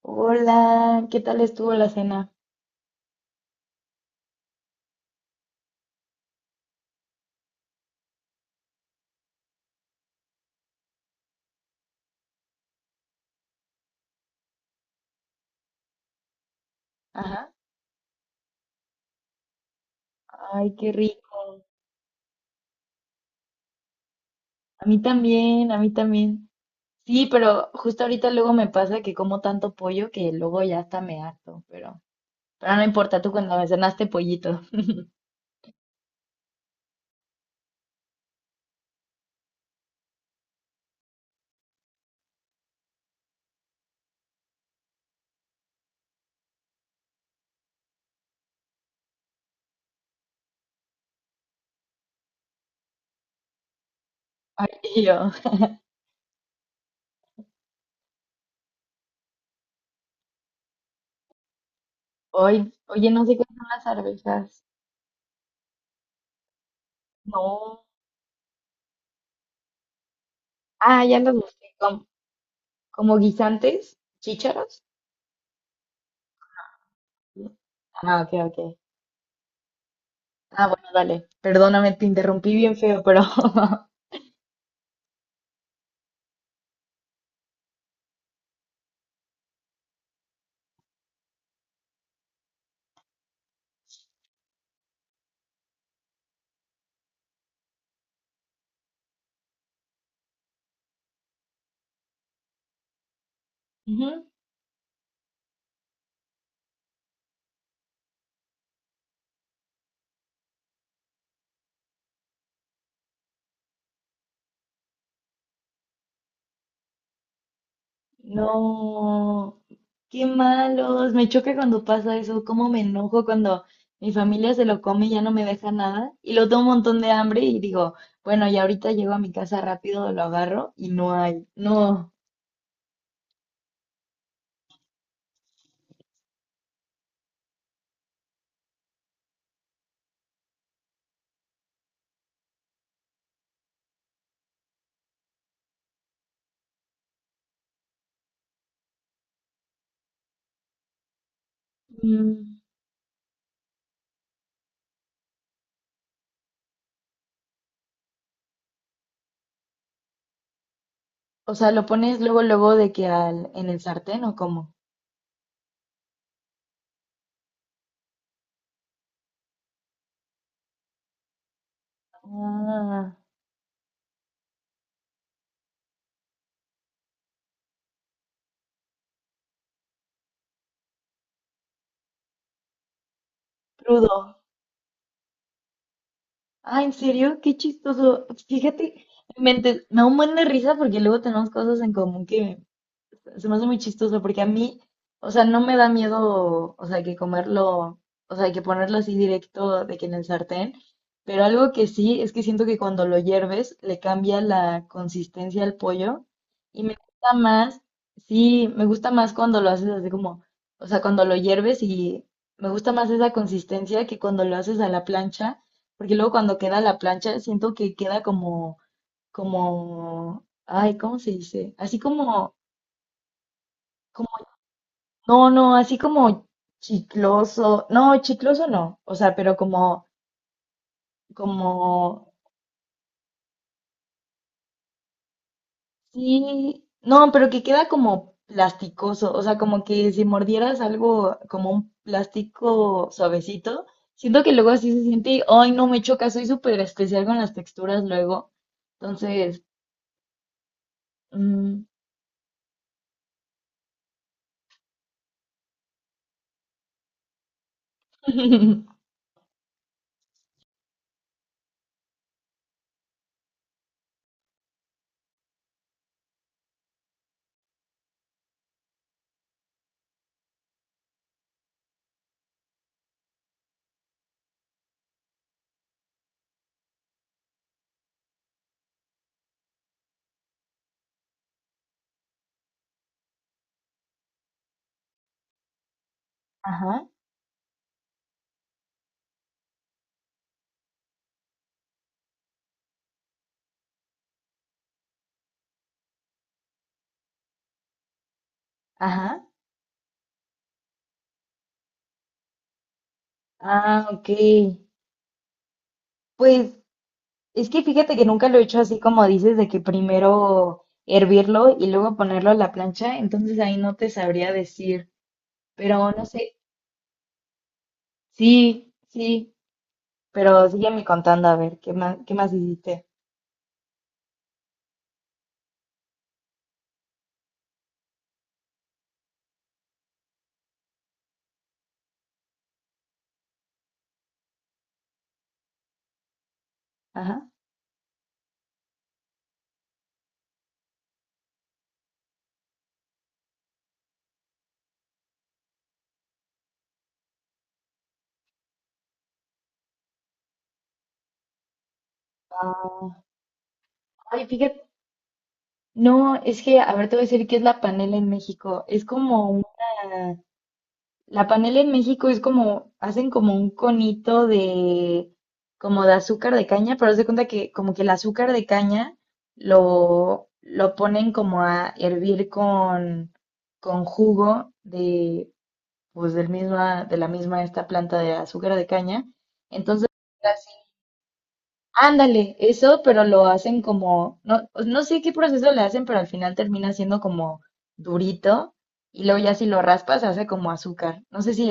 Hola, ¿qué tal estuvo la cena? Ajá. Ay, qué rico. A mí también, a mí también. Sí, pero justo ahorita luego me pasa que como tanto pollo que luego ya hasta me harto, pero no importa, tú cuando me cenaste pollito. Ay, y yo. Hoy, oye, no sé qué son las arvejas. No. Ah, ya las busqué. ¿Como, como guisantes? ¿Chícharos? Ah, ok, ok. Ah, bueno, dale. Perdóname, te interrumpí bien feo, pero. Ujú. No, qué malos. Me choca cuando pasa eso. Cómo me enojo cuando mi familia se lo come y ya no me deja nada. Y lo tengo un montón de hambre y digo, bueno, y ahorita llego a mi casa rápido, lo agarro y no hay. No. Mm, o sea, lo pones luego, luego de que al, en el sartén o cómo. Ah, crudo. Ah, ¿en serio? Qué chistoso. Fíjate, me da un buen de risa porque luego tenemos cosas en común que se me hace muy chistoso porque a mí, o sea, no me da miedo, o sea, que comerlo, o sea, que ponerlo así directo de que en el sartén, pero algo que sí es que siento que cuando lo hierves le cambia la consistencia al pollo y me gusta más, sí, me gusta más cuando lo haces así como, o sea, cuando lo hierves y me gusta más esa consistencia que cuando lo haces a la plancha, porque luego cuando queda a la plancha siento que queda como, como, ay, ¿cómo se dice? Así como no, no, así como chicloso. No, chicloso no. O sea, pero como, como, sí, no, pero que queda como plasticoso. O sea, como que si mordieras algo como un plástico suavecito, siento que luego así se siente, y, ay, no me choca, soy súper especial con las texturas luego. Entonces, mm, ajá, ajá. Ah, ok. Pues es que fíjate que nunca lo he hecho así como dices, de que primero hervirlo y luego ponerlo a la plancha, entonces ahí no te sabría decir, pero no sé, sí, sí, pero sígueme contando a ver, qué más hiciste? Ajá. Ah, ay, fíjate, no, es que, a ver, te voy a decir qué es la panela en México, es como una, la panela en México es como, hacen como un conito de, como de azúcar de caña, pero haz de cuenta que como que el azúcar de caña lo ponen como a hervir con jugo de, pues del misma, de la misma esta planta de azúcar de caña. Entonces, así, ándale, eso, pero lo hacen como, no, pues, no sé qué proceso le hacen, pero al final termina siendo como durito y luego ya si lo raspas se hace como azúcar. No sé si...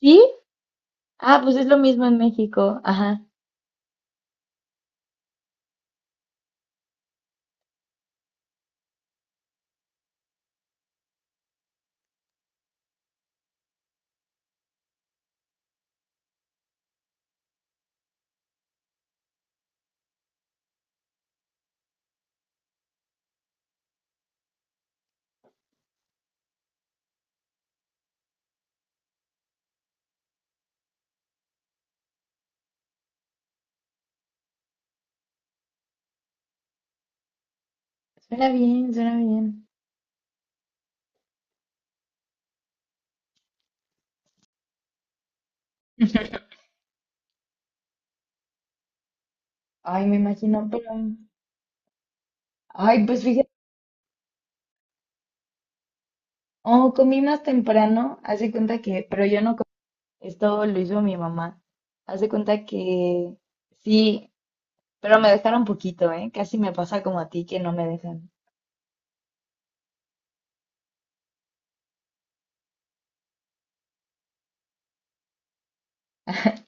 ¿Sí? Ah, pues es lo mismo en México. Ajá. Suena bien, suena bien. Ay, me imagino, pero. Ay, pues fíjate. Oh, comí más temprano. Hace cuenta que. Pero yo no comí. Esto lo hizo mi mamá. Hace cuenta que. Sí, pero me dejaron poquito, ¿eh? Casi me pasa como a ti que no me dejan.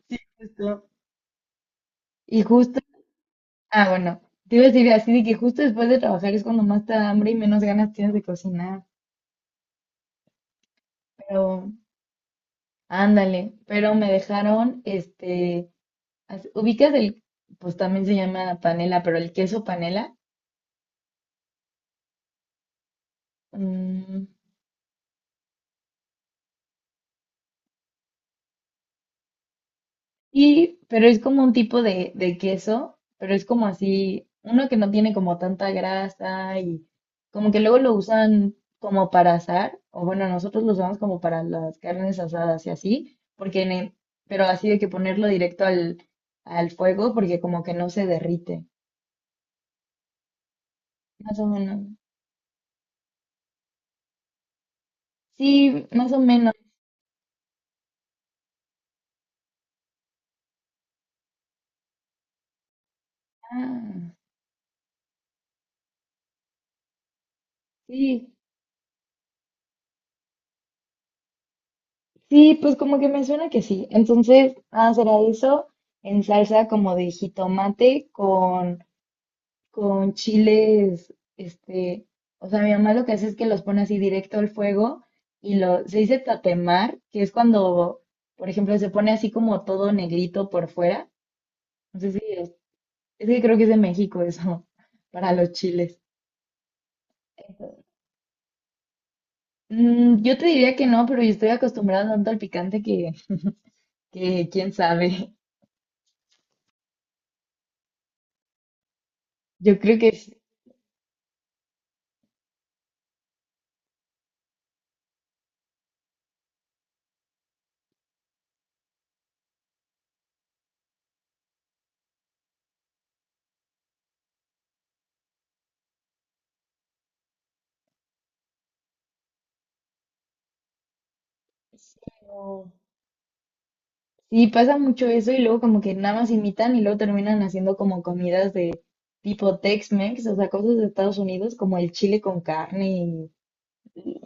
Sí, justo. Y justo. Ah, bueno. Te iba a decir así de que justo después de trabajar es cuando más te da hambre y menos ganas tienes de cocinar. Pero. Ándale. Pero me dejaron, este. As- ubicas el, pues también se llama panela, pero el queso panela. Mm, y, pero es como un tipo de queso, pero es como así, uno que no tiene como tanta grasa y como que luego lo usan como para asar, o bueno, nosotros lo usamos como para las carnes asadas y así, porque en el- pero así de que ponerlo directo al, al fuego porque como que no se derrite, más o menos. Sí, más o menos. Ah, sí. Sí, pues como que me suena que sí. Entonces, ah, será eso en salsa como de jitomate con chiles, este, o sea, mi mamá lo que hace es que los pone así directo al fuego y lo, se dice tatemar, que es cuando, por ejemplo, se pone así como todo negrito por fuera. No sé si es, es que creo que es de México eso, para los chiles. Mm, yo te diría que no, pero yo estoy acostumbrada tanto al picante que quién sabe. Yo creo que sí. Sí, no. Sí, pasa mucho eso y luego como que nada más imitan y luego terminan haciendo como comidas de tipo Tex-Mex, o sea, cosas de Estados Unidos como el chile con carne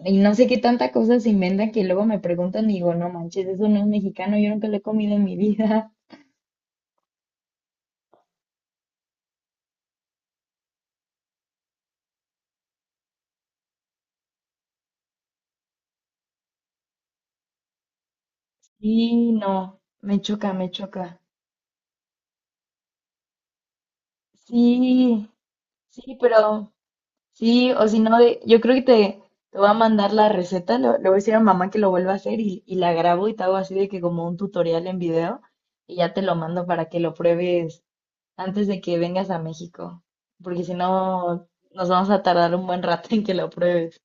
y no sé qué tanta cosa se inventan que luego me preguntan y digo, no manches, eso no es mexicano, yo nunca lo he comido en mi vida. Y no, me choca, me choca. Sí, sí, pero... Sí, o si no, de- yo creo que te voy a mandar la receta, lo le voy a decir a mamá que lo vuelva a hacer y la grabo y te hago así de que como un tutorial en video y ya te lo mando para que lo pruebes antes de que vengas a México, porque si no nos vamos a tardar un buen rato en que lo pruebes.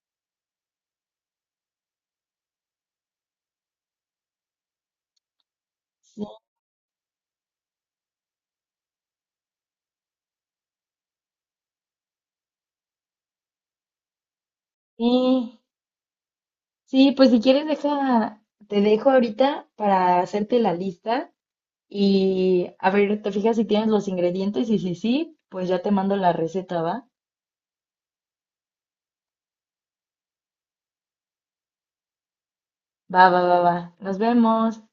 Sí, sí, pues si quieres deja, te dejo ahorita para hacerte la lista y a ver, te fijas si tienes los ingredientes y si sí, pues ya te mando la receta, ¿va? Va, va, va, va. Nos vemos.